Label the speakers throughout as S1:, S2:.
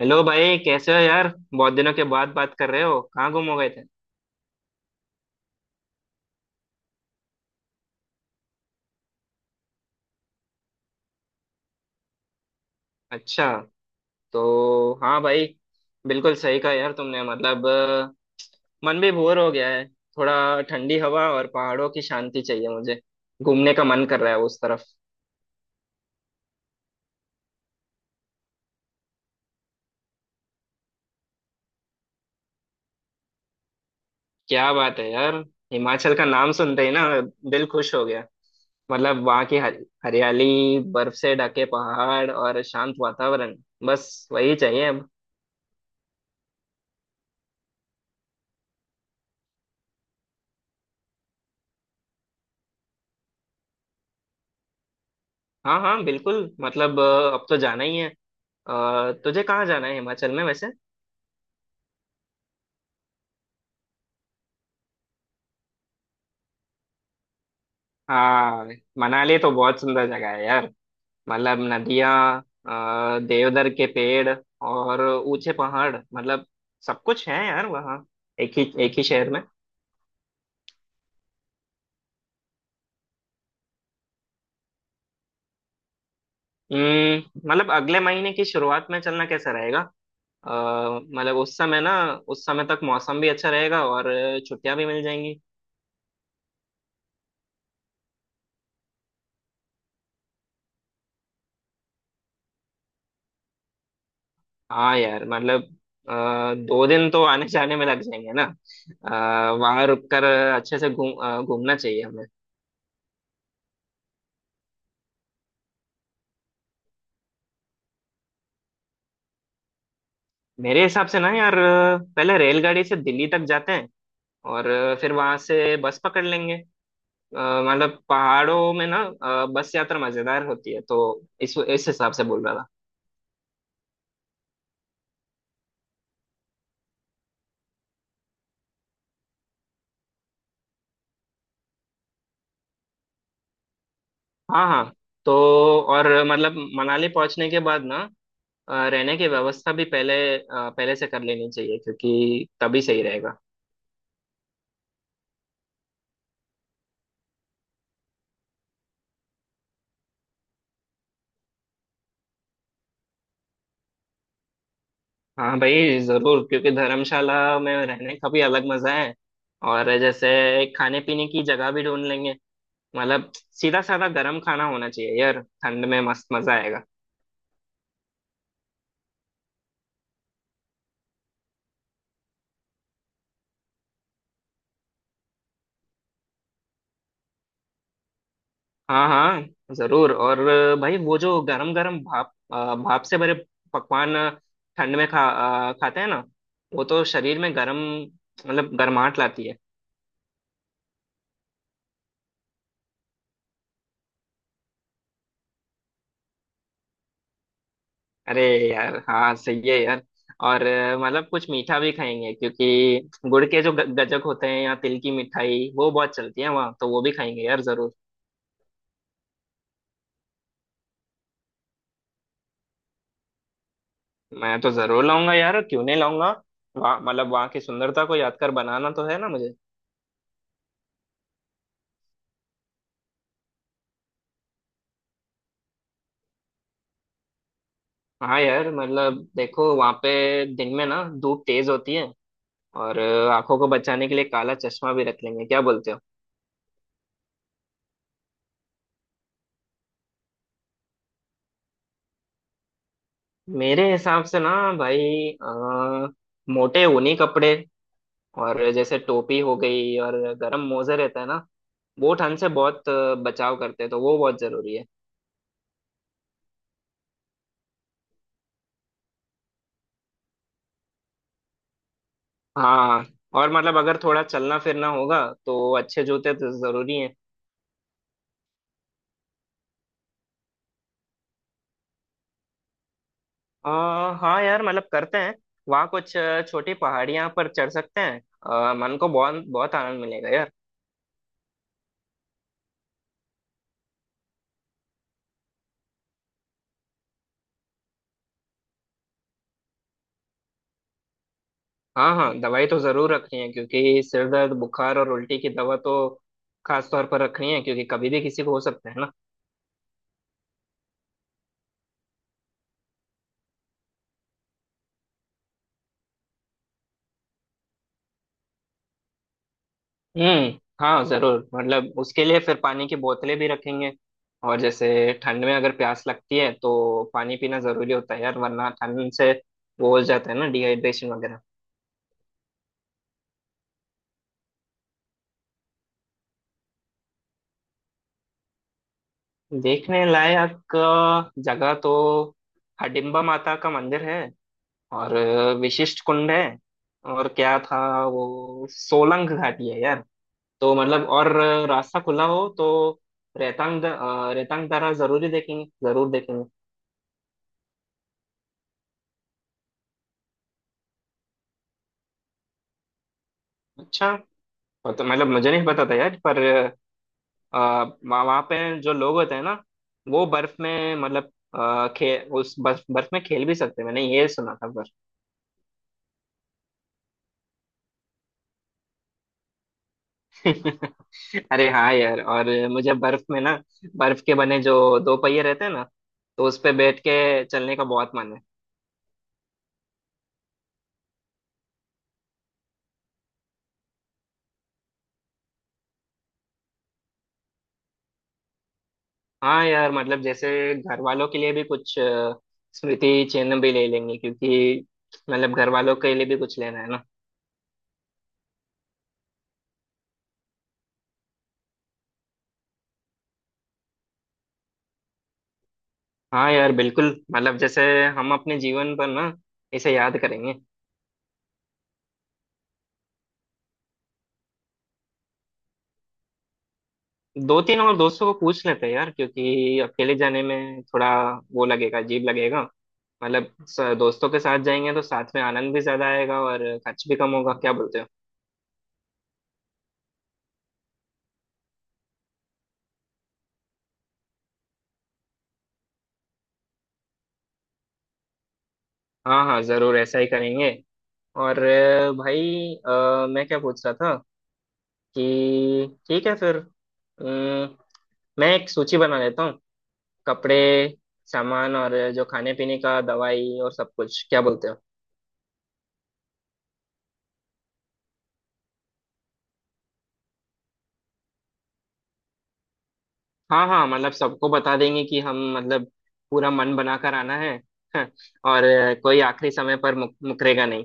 S1: Hello भाई, कैसे हो यार। बहुत दिनों के बाद बात कर रहे हो, कहाँ गुम हो गए थे। अच्छा। तो हाँ भाई, बिल्कुल सही कहा यार तुमने। मतलब मन भी बोर हो गया है। थोड़ा ठंडी हवा और पहाड़ों की शांति चाहिए मुझे। घूमने का मन कर रहा है उस तरफ। क्या बात है यार, हिमाचल का नाम सुनते ही ना दिल खुश हो गया। मतलब वहाँ की हरियाली, बर्फ से ढके पहाड़ और शांत वातावरण, बस वही चाहिए अब। हाँ हाँ बिल्कुल। मतलब अब तो जाना ही है। तुझे कहाँ जाना है हिमाचल में वैसे। हाँ, मनाली तो बहुत सुंदर जगह है यार। मतलब नदियाँ, देवदार के पेड़ और ऊंचे पहाड़, मतलब सब कुछ है यार वहाँ, एक ही शहर में। हम्म, मतलब अगले महीने की शुरुआत में चलना कैसा रहेगा। अ, मतलब उस समय ना, उस समय तक मौसम भी अच्छा रहेगा और छुट्टियाँ भी मिल जाएंगी। हाँ यार, मतलब अ, 2 दिन तो आने जाने में लग जाएंगे ना। वहाँ रुककर अच्छे से घूमना चाहिए हमें। मेरे हिसाब से ना यार पहले रेलगाड़ी से दिल्ली तक जाते हैं, और फिर वहां से बस पकड़ लेंगे। अ, मतलब पहाड़ों में ना, बस यात्रा मजेदार होती है, तो इस हिसाब से बोल रहा था। हाँ हाँ। तो और मतलब मनाली पहुंचने के बाद ना, रहने की व्यवस्था भी पहले से कर लेनी चाहिए, क्योंकि तभी सही रहेगा। हाँ भाई जरूर, क्योंकि धर्मशाला में रहने का भी अलग मजा है। और जैसे खाने पीने की जगह भी ढूंढ लेंगे। मतलब सीधा साधा गर्म खाना होना चाहिए यार, ठंड में मस्त मजा आएगा। हाँ हाँ जरूर। और भाई वो जो गरम गरम भाप से भरे पकवान ठंड में खाते हैं ना, वो तो शरीर में गरम, मतलब गर्माहट लाती है। अरे यार, हाँ सही है यार। और मतलब कुछ मीठा भी खाएंगे, क्योंकि गुड़ के जो गजक होते हैं या तिल की मिठाई, वो बहुत चलती है वहाँ, तो वो भी खाएंगे यार जरूर। मैं तो जरूर लाऊंगा यार, क्यों नहीं लाऊंगा। वहाँ, मतलब वहाँ की सुंदरता को यादगार बनाना तो है ना मुझे। हाँ यार, मतलब देखो वहाँ पे दिन में ना धूप तेज होती है, और आंखों को बचाने के लिए काला चश्मा भी रख लेंगे, क्या बोलते हो। मेरे हिसाब से ना भाई, मोटे ऊनी कपड़े, और जैसे टोपी हो गई और गर्म मोजे रहता है ना, वो ठंड से बहुत बचाव करते हैं, तो वो बहुत जरूरी है। हाँ, और मतलब अगर थोड़ा चलना फिरना होगा, तो अच्छे जूते तो जरूरी है। हाँ यार मतलब करते हैं। वहाँ कुछ छोटी पहाड़ियाँ पर चढ़ सकते हैं। मन को बहुत बहुत आनंद मिलेगा यार। हाँ हाँ, दवाई तो जरूर रखनी है, क्योंकि सिर दर्द, बुखार और उल्टी की दवा तो खास तौर पर रखनी है, क्योंकि कभी भी किसी को हो सकता है ना। हम्म। हाँ जरूर, मतलब उसके लिए फिर पानी की बोतलें भी रखेंगे। और जैसे ठंड में अगर प्यास लगती है तो पानी पीना जरूरी होता है यार, वरना ठंड से वो हो जाता है ना, डिहाइड्रेशन वगैरह। देखने लायक जगह तो हडिम्बा माता का मंदिर है, और विशिष्ट कुंड है, और क्या था, वो सोलंग घाटी है यार। तो मतलब, और रास्ता खुला हो तो रेतांग दर्रा जरूरी देखेंगे, जरूर देखेंगे। अच्छा। और तो मतलब मुझे नहीं पता था यार, पर अ, वहाँ वहाँ पे जो लोग होते हैं ना, वो बर्फ में मतलब अ, खे उस बर्फ बर्फ में खेल भी सकते हैं, मैंने ये सुना था। अरे हाँ यार। और मुझे बर्फ में ना, बर्फ के बने जो दो पहिए रहते हैं ना, तो उस पे बैठ के चलने का बहुत मन है। हाँ यार, मतलब जैसे घर वालों के लिए भी कुछ स्मृति चिन्ह भी ले लेंगे, क्योंकि मतलब घर वालों के लिए भी कुछ लेना है ना। हाँ यार बिल्कुल, मतलब जैसे हम अपने जीवन पर ना इसे याद करेंगे। दो तीन और दोस्तों को पूछ लेते हैं यार, क्योंकि अकेले जाने में थोड़ा वो लगेगा, अजीब लगेगा। मतलब दोस्तों के साथ जाएंगे तो साथ में आनंद भी ज्यादा आएगा और खर्च भी कम होगा, क्या बोलते हो। हाँ हाँ जरूर, ऐसा ही करेंगे। और भाई मैं क्या पूछ रहा था, कि ठीक है फिर अम, मैं एक सूची बना लेता हूँ, कपड़े, सामान, और जो खाने पीने का, दवाई और सब कुछ, क्या बोलते हो। हाँ हाँ, मतलब सबको बता देंगे कि हम मतलब पूरा मन बनाकर आना है। और कोई आखिरी समय पर मुकरेगा नहीं।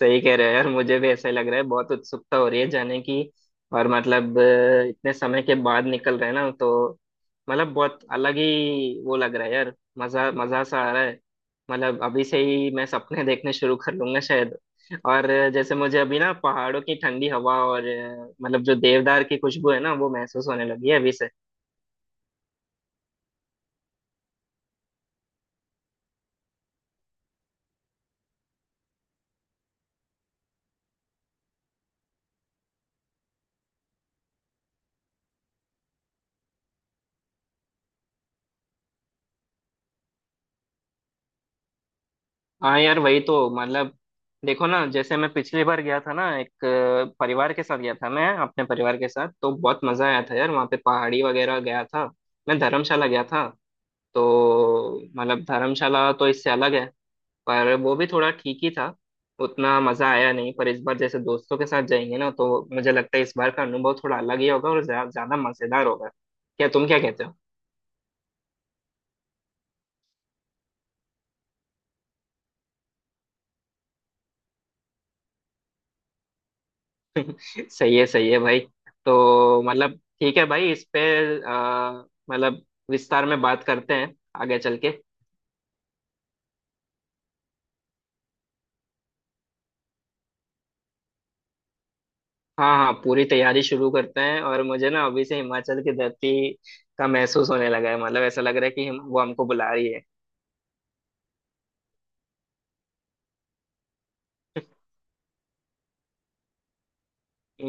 S1: सही कह रहे हो यार, मुझे भी ऐसा ही लग रहा है, बहुत उत्सुकता हो रही है जाने की। और मतलब इतने समय के बाद निकल रहे हैं ना, तो मतलब बहुत अलग ही वो लग रहा है यार, मजा मजा सा आ रहा है। मतलब अभी से ही मैं सपने देखने शुरू कर लूंगा शायद। और जैसे मुझे अभी ना पहाड़ों की ठंडी हवा, और मतलब जो देवदार की खुशबू है ना, वो महसूस होने लगी है अभी से। हाँ यार, वही तो, मतलब देखो ना, जैसे मैं पिछली बार गया था ना, एक परिवार के साथ गया था मैं, अपने परिवार के साथ, तो बहुत मजा आया था यार, वहाँ पे पहाड़ी वगैरह गया था, मैं धर्मशाला गया था। तो मतलब धर्मशाला तो इससे अलग है, पर वो भी थोड़ा ठीक ही था, उतना मजा आया नहीं। पर इस बार जैसे दोस्तों के साथ जाएंगे ना, तो मुझे लगता है इस बार का अनुभव थोड़ा अलग ही होगा, और ज्यादा मजेदार होगा। क्या, तुम क्या कहते हो। सही है, सही है भाई। तो मतलब ठीक है भाई, इस पे मतलब विस्तार में बात करते हैं आगे चल के। हाँ हाँ, पूरी तैयारी शुरू करते हैं, और मुझे ना अभी से हिमाचल की धरती का महसूस होने लगा है, मतलब ऐसा लग रहा है कि वो हमको बुला रही है।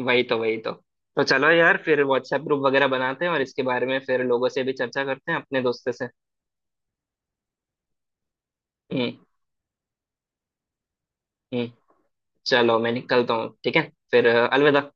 S1: वही तो, वही तो। तो चलो यार, फिर व्हाट्सएप ग्रुप वगैरह बनाते हैं, और इसके बारे में फिर लोगों से भी चर्चा करते हैं अपने दोस्तों से। हम्म। हम्म। चलो मैं निकलता हूँ, ठीक है फिर, अलविदा।